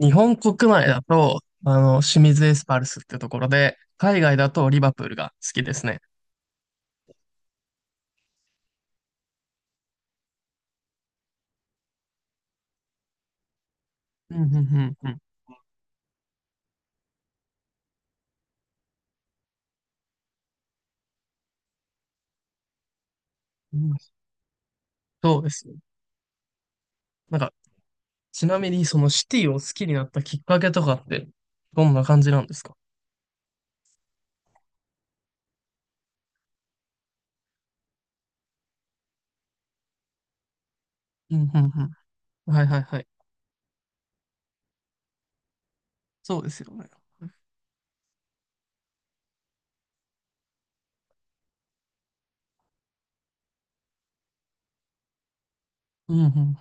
日本国内だと、清水エスパルスってところで、海外だとリバプールが好きですね。うん、うん、うん、うん。うん。そうですね。なんか、ちなみに、そのシティを好きになったきっかけとかって、どんな感じなんですか？うん、うん、うん。はい、はい、はい。そうですよね。うん、うん。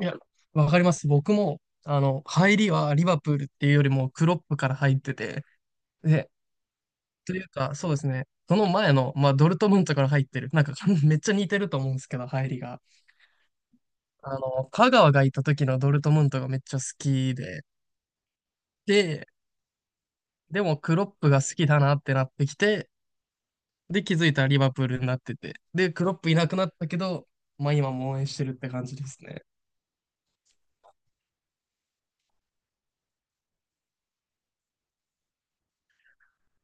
いや、わかります。僕も、入りはリバプールっていうよりも、クロップから入ってて、で、というか、そうですね。その前の、まあ、ドルトムントから入ってる。なんか、めっちゃ似てると思うんですけど、入りが。香川がいた時のドルトムントがめっちゃ好きで、で、でもクロップが好きだなってなってきて、で、気づいたらリバプールになってて、で、クロップいなくなったけど、まあ今も応援してるって感じですね。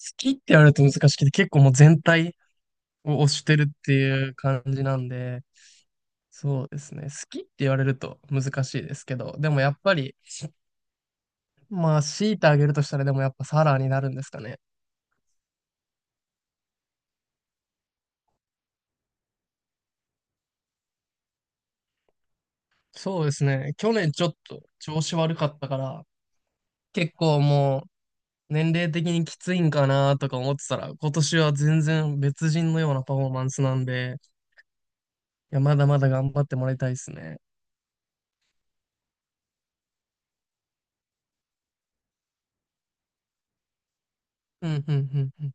好きって言われると難しくて、結構もう全体を推してるっていう感じなんで、そうですね。好きって言われると難しいですけど、でもやっぱり、まあ強いてあげるとしたらでもやっぱサラーになるんですかね。そうですね。去年ちょっと調子悪かったから、結構もう年齢的にきついんかなとか思ってたら、今年は全然別人のようなパフォーマンスなんで、いや、まだまだ頑張ってもらいたいですね。うん、うん、うん、うん。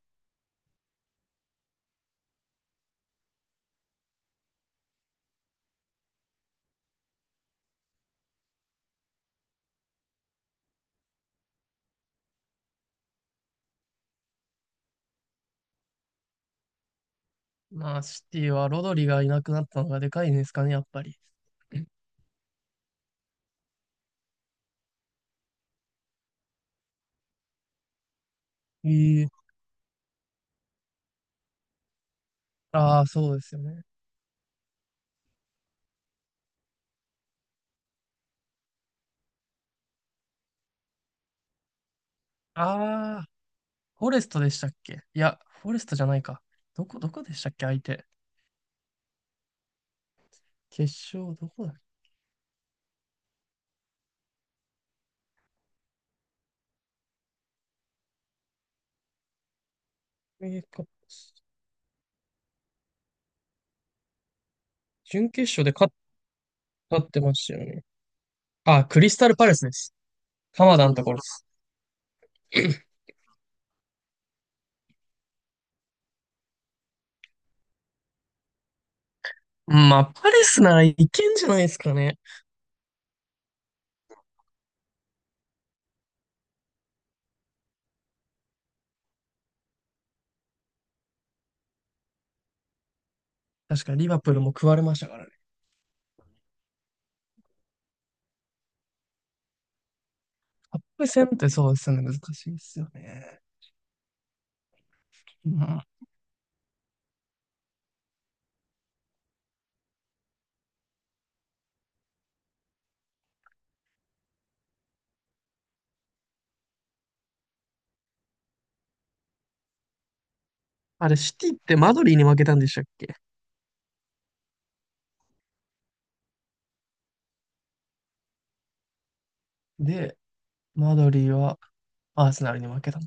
まあ、シティはロドリがいなくなったのがでかいんですかね、やっぱり。ええ。ああ、そうですよね。ああ、フォレストでしたっけ？いや、フォレストじゃないか。どこでしたっけ、相手。決勝、どこだっけ。か準決勝で勝ったってましたよね。あ、クリスタルパレスです。鎌田のところです。まあ、パレスならいけんじゃないですかね。確かにリバプールも食われましたからね。カップ戦ってそうですよね。難しいですよね。うん。あれ、シティってマドリーに負けたんでしたっけ？で、マドリーはアーセナルに負けたの。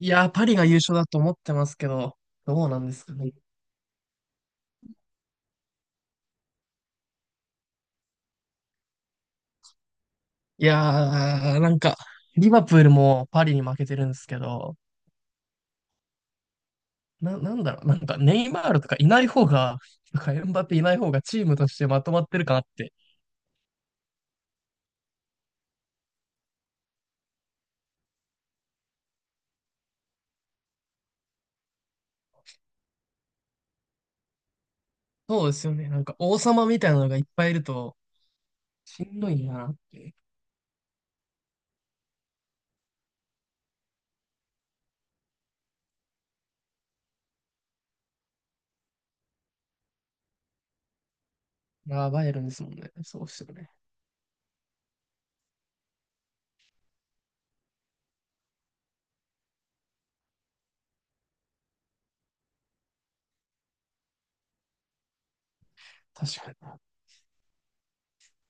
いやー、パリが優勝だと思ってますけど、どうなんですかね。いやー、なんか、リバプールもパリに負けてるんですけど、なんだろう、なんかネイマールとかいない方が、とかエムバペいない方がチームとしてまとまってるかなって。そうですよね。なんか王様みたいなのがいっぱいいると、しんどいなって。ああ、バイエルンですもんね。そうですよね。確か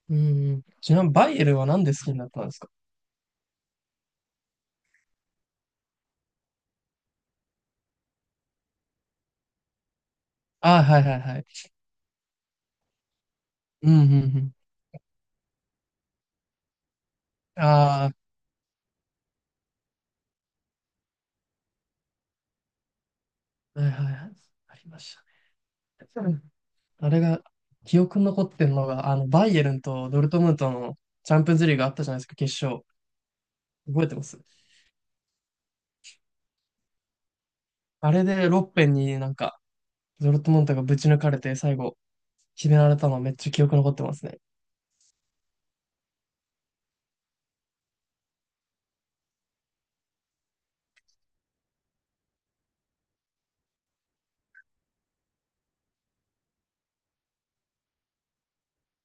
に。うん、うん。ちなみにバイエルンはなんで好きになったんですか？ああ、はい、はい、はい。うん、うん、うん。ああ、はい、はい、はい。ありましたね。うん。あれが、記憶に残ってるのが、バイエルンとドルトムントのチャンピオンズリーグあったじゃないですか、決勝。覚えてます？あれでロッペンになんか、ドルトムントがぶち抜かれて、最後、決められたのめっちゃ記憶に残ってますね。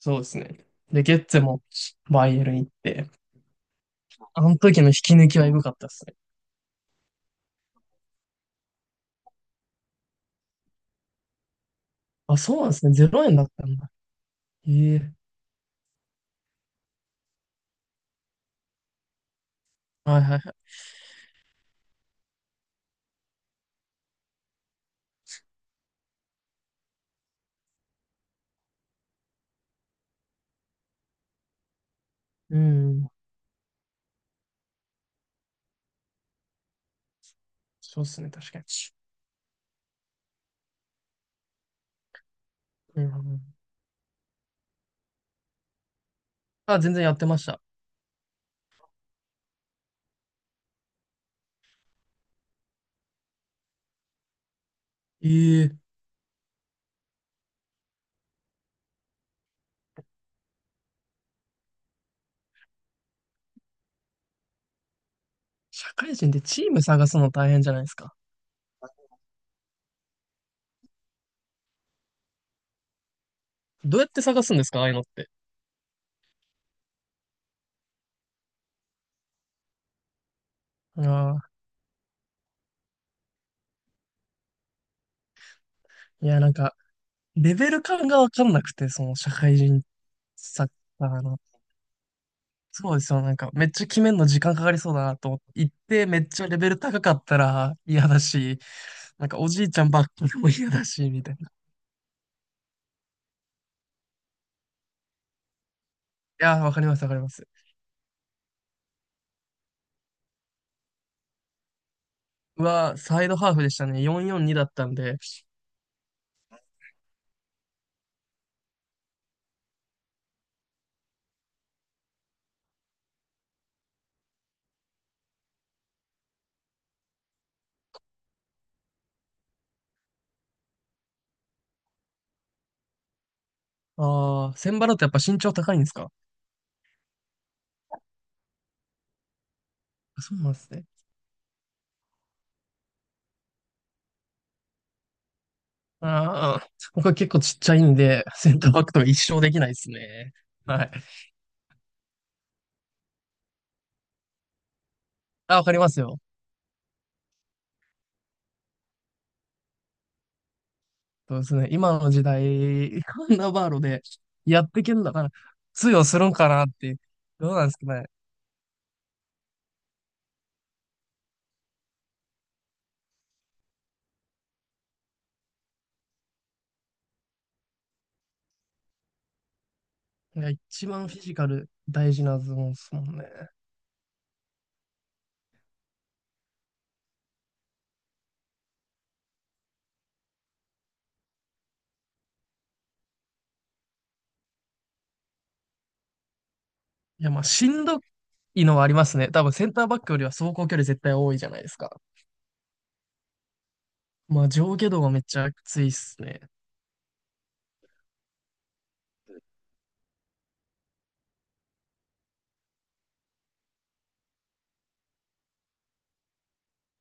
そうですね。で、ゲッツェもバイエルン行って、あの時の引き抜きはエグかったですね。あ、そうなんですね。0円だったんだ。ええ。はい、はい、はい。うん。そうですね、確かに。うん。あ、全然やってました。ええ。社会人でチーム探すの大変じゃないですか。どうやって探すんですか、ああいうのって。ああ、いや、なんか、レベル感がわかんなくて、その社会人サッカーの、そうですよ。なんか、めっちゃ決めるの時間かかりそうだなと思って行って、めっちゃレベル高かったら嫌だし、なんかおじいちゃんばっかりも嫌だし、みたいな。いやー、わかります、わかります。うわー、サイドハーフでしたね。442だったんで。あー、センバロってやっぱ身長高いんですか？あ、そうなんですね。あー、僕は結構ちっちゃいんで、センターバックとか一生できないですね。はい。あ、わかりますよ。そうですね。今の時代、こんなバーロでやってけんだから、通用するんかなって。どうなんですかね。いや、一番フィジカル大事なズボンですもんね。いや、まあ、しんどいのはありますね。多分センターバックよりは走行距離絶対多いじゃないですか。まあ、上下動がめっちゃきついっすね。